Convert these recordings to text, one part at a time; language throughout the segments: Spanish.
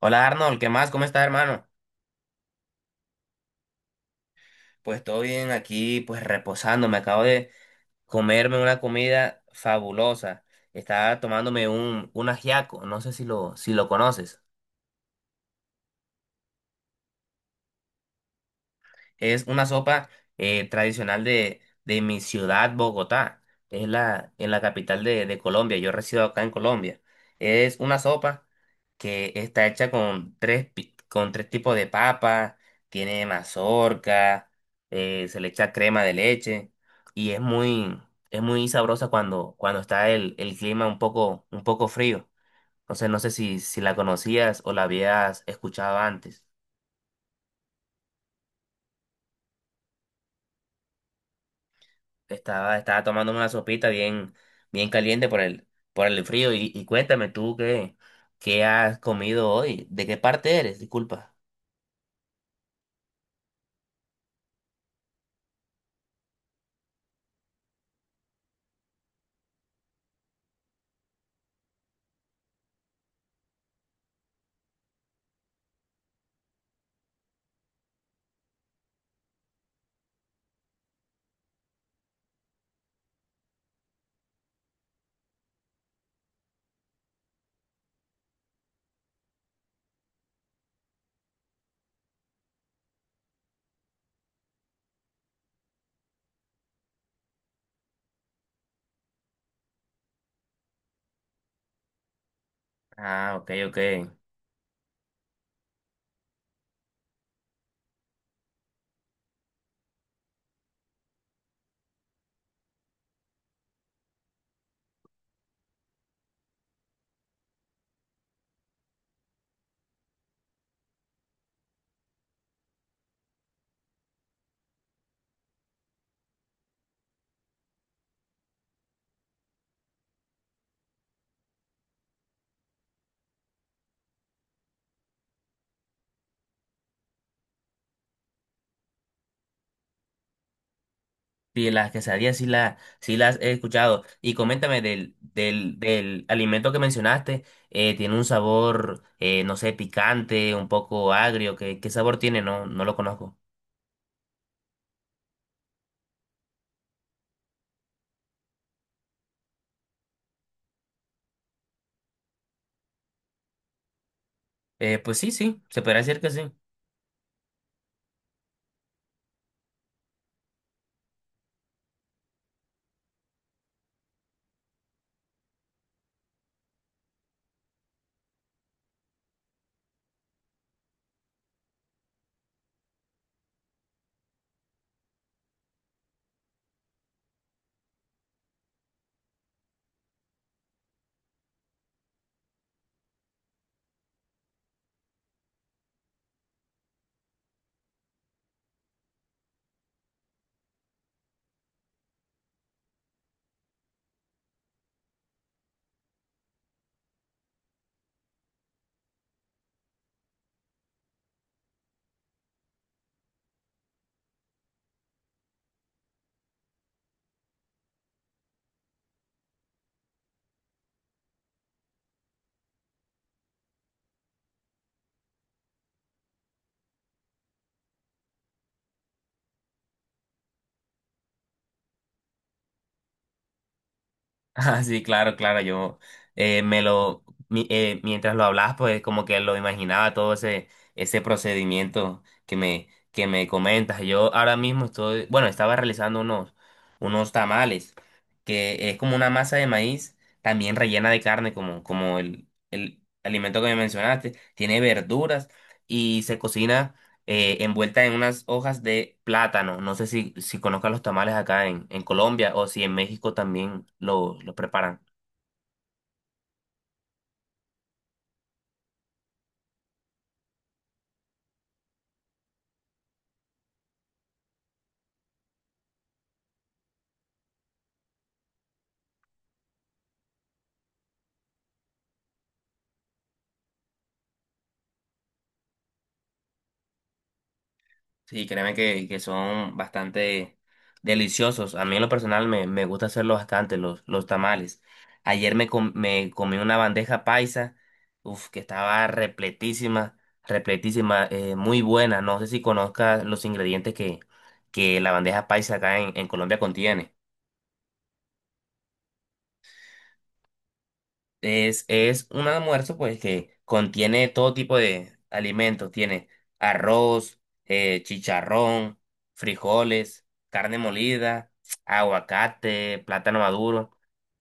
Hola Arnold, ¿qué más? ¿Cómo estás, hermano? Pues todo bien aquí, pues reposando. Me acabo de comerme una comida fabulosa. Estaba tomándome un ajiaco, no sé si lo conoces. Es una sopa tradicional de mi ciudad, Bogotá. En la capital de Colombia. Yo resido acá en Colombia. Es una sopa que está hecha con con tres tipos de papa. Tiene mazorca, se le echa crema de leche. Y es muy, es muy sabrosa cuando está el clima un poco frío. Entonces no sé si la conocías o la habías escuchado antes. Estaba tomando una sopita bien caliente por el frío. Y cuéntame tú qué has comido hoy. ¿De qué parte eres? Disculpa. Ah, ok, ok. Sí, las quesadillas sí las he escuchado. Y coméntame del alimento que mencionaste. ¿tiene un sabor, no sé, picante, ¿un poco agrio? ¿Qué sabor tiene? No, no lo conozco. Pues sí, sí, se podría decir que sí. Ah, sí, claro, claro, yo me lo, mi- mientras lo hablabas, pues como que lo imaginaba todo ese, ese procedimiento que me comentas. Yo ahora mismo estoy, bueno, estaba realizando unos tamales, que es como una masa de maíz, también rellena de carne, como el alimento que me mencionaste, tiene verduras y se cocina envuelta en unas hojas de plátano. No sé si conozcan los tamales acá en Colombia o si en México también lo preparan. Sí, créeme que son bastante deliciosos. A mí en lo personal me gusta hacerlo bastante, los tamales. Ayer me comí una bandeja paisa, uf, que estaba repletísima, repletísima, muy buena. No sé si conozcas los ingredientes que la bandeja paisa acá en Colombia contiene. Es un almuerzo pues que contiene todo tipo de alimentos. Tiene arroz, chicharrón, frijoles, carne molida, aguacate, plátano maduro,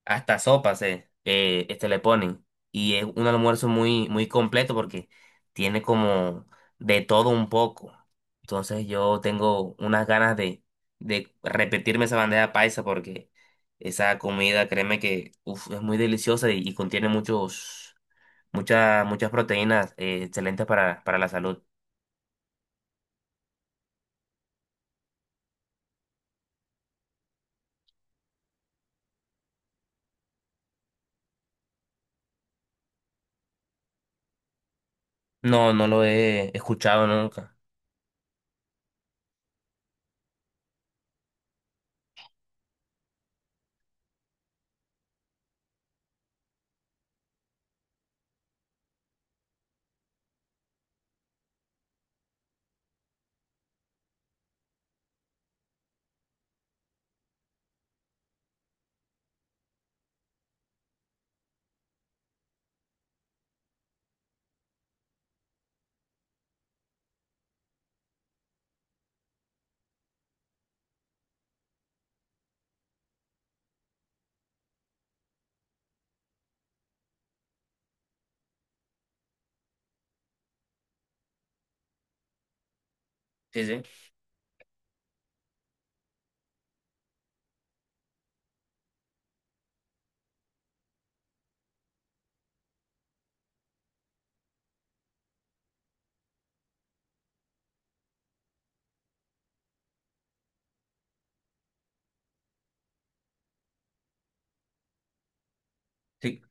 hasta sopas este le ponen. Y es un almuerzo muy completo porque tiene como de todo un poco. Entonces yo tengo unas ganas de repetirme esa bandeja paisa porque esa comida, créeme que uf, es muy deliciosa y contiene muchos, muchas, muchas proteínas excelentes para la salud. No, no lo he escuchado nunca. Sí, sí. Sí.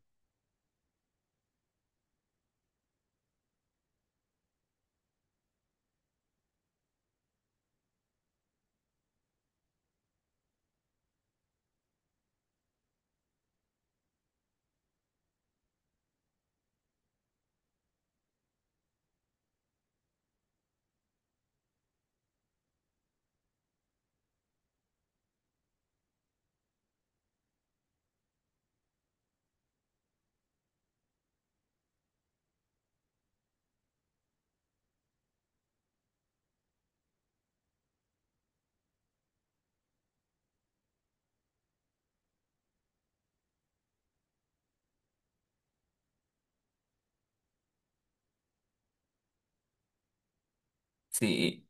Sí,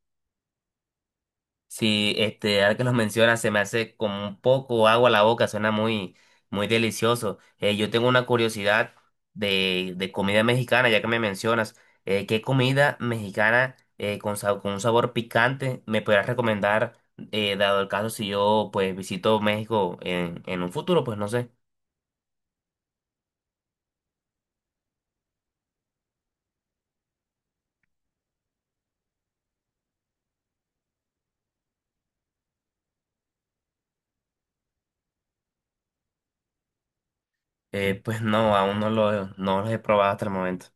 sí, este, ahora que los mencionas, se me hace como un poco agua a la boca, suena muy, muy delicioso. Yo tengo una curiosidad de comida mexicana, ya que me mencionas. ¿Qué comida mexicana con un sabor picante me podrías recomendar, dado el caso si yo pues visito México en un futuro? Pues no sé. Pues no, aún no no los he probado hasta el momento.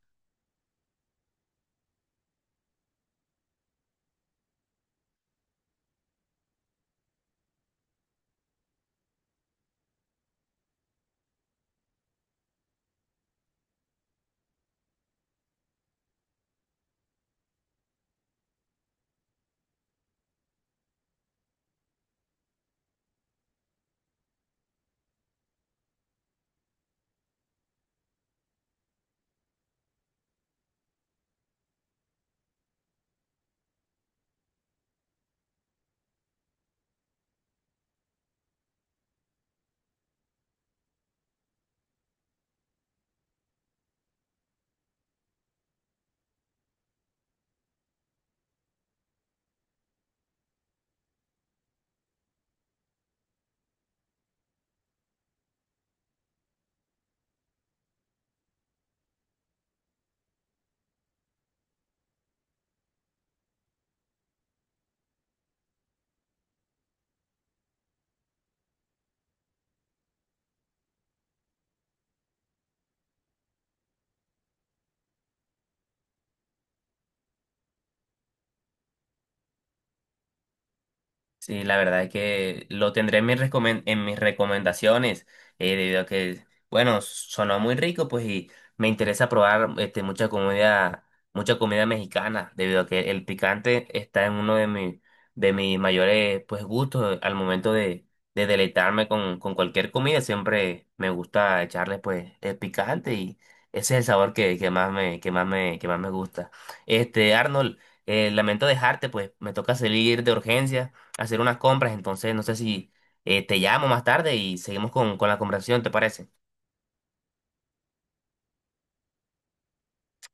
Sí, la verdad es que lo tendré en en mis recomendaciones, debido a que, bueno, sonó muy rico, pues, y me interesa probar este, mucha comida mexicana, debido a que el picante está en uno de mis mayores, pues, gustos al momento de deleitarme con cualquier comida. Siempre me gusta echarle, pues, el picante y ese es el sabor que, que más me gusta. Este, Arnold, lamento dejarte, pues, me toca salir de urgencia hacer unas compras, entonces no sé si te llamo más tarde y seguimos con la conversación, ¿te parece?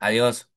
Adiós.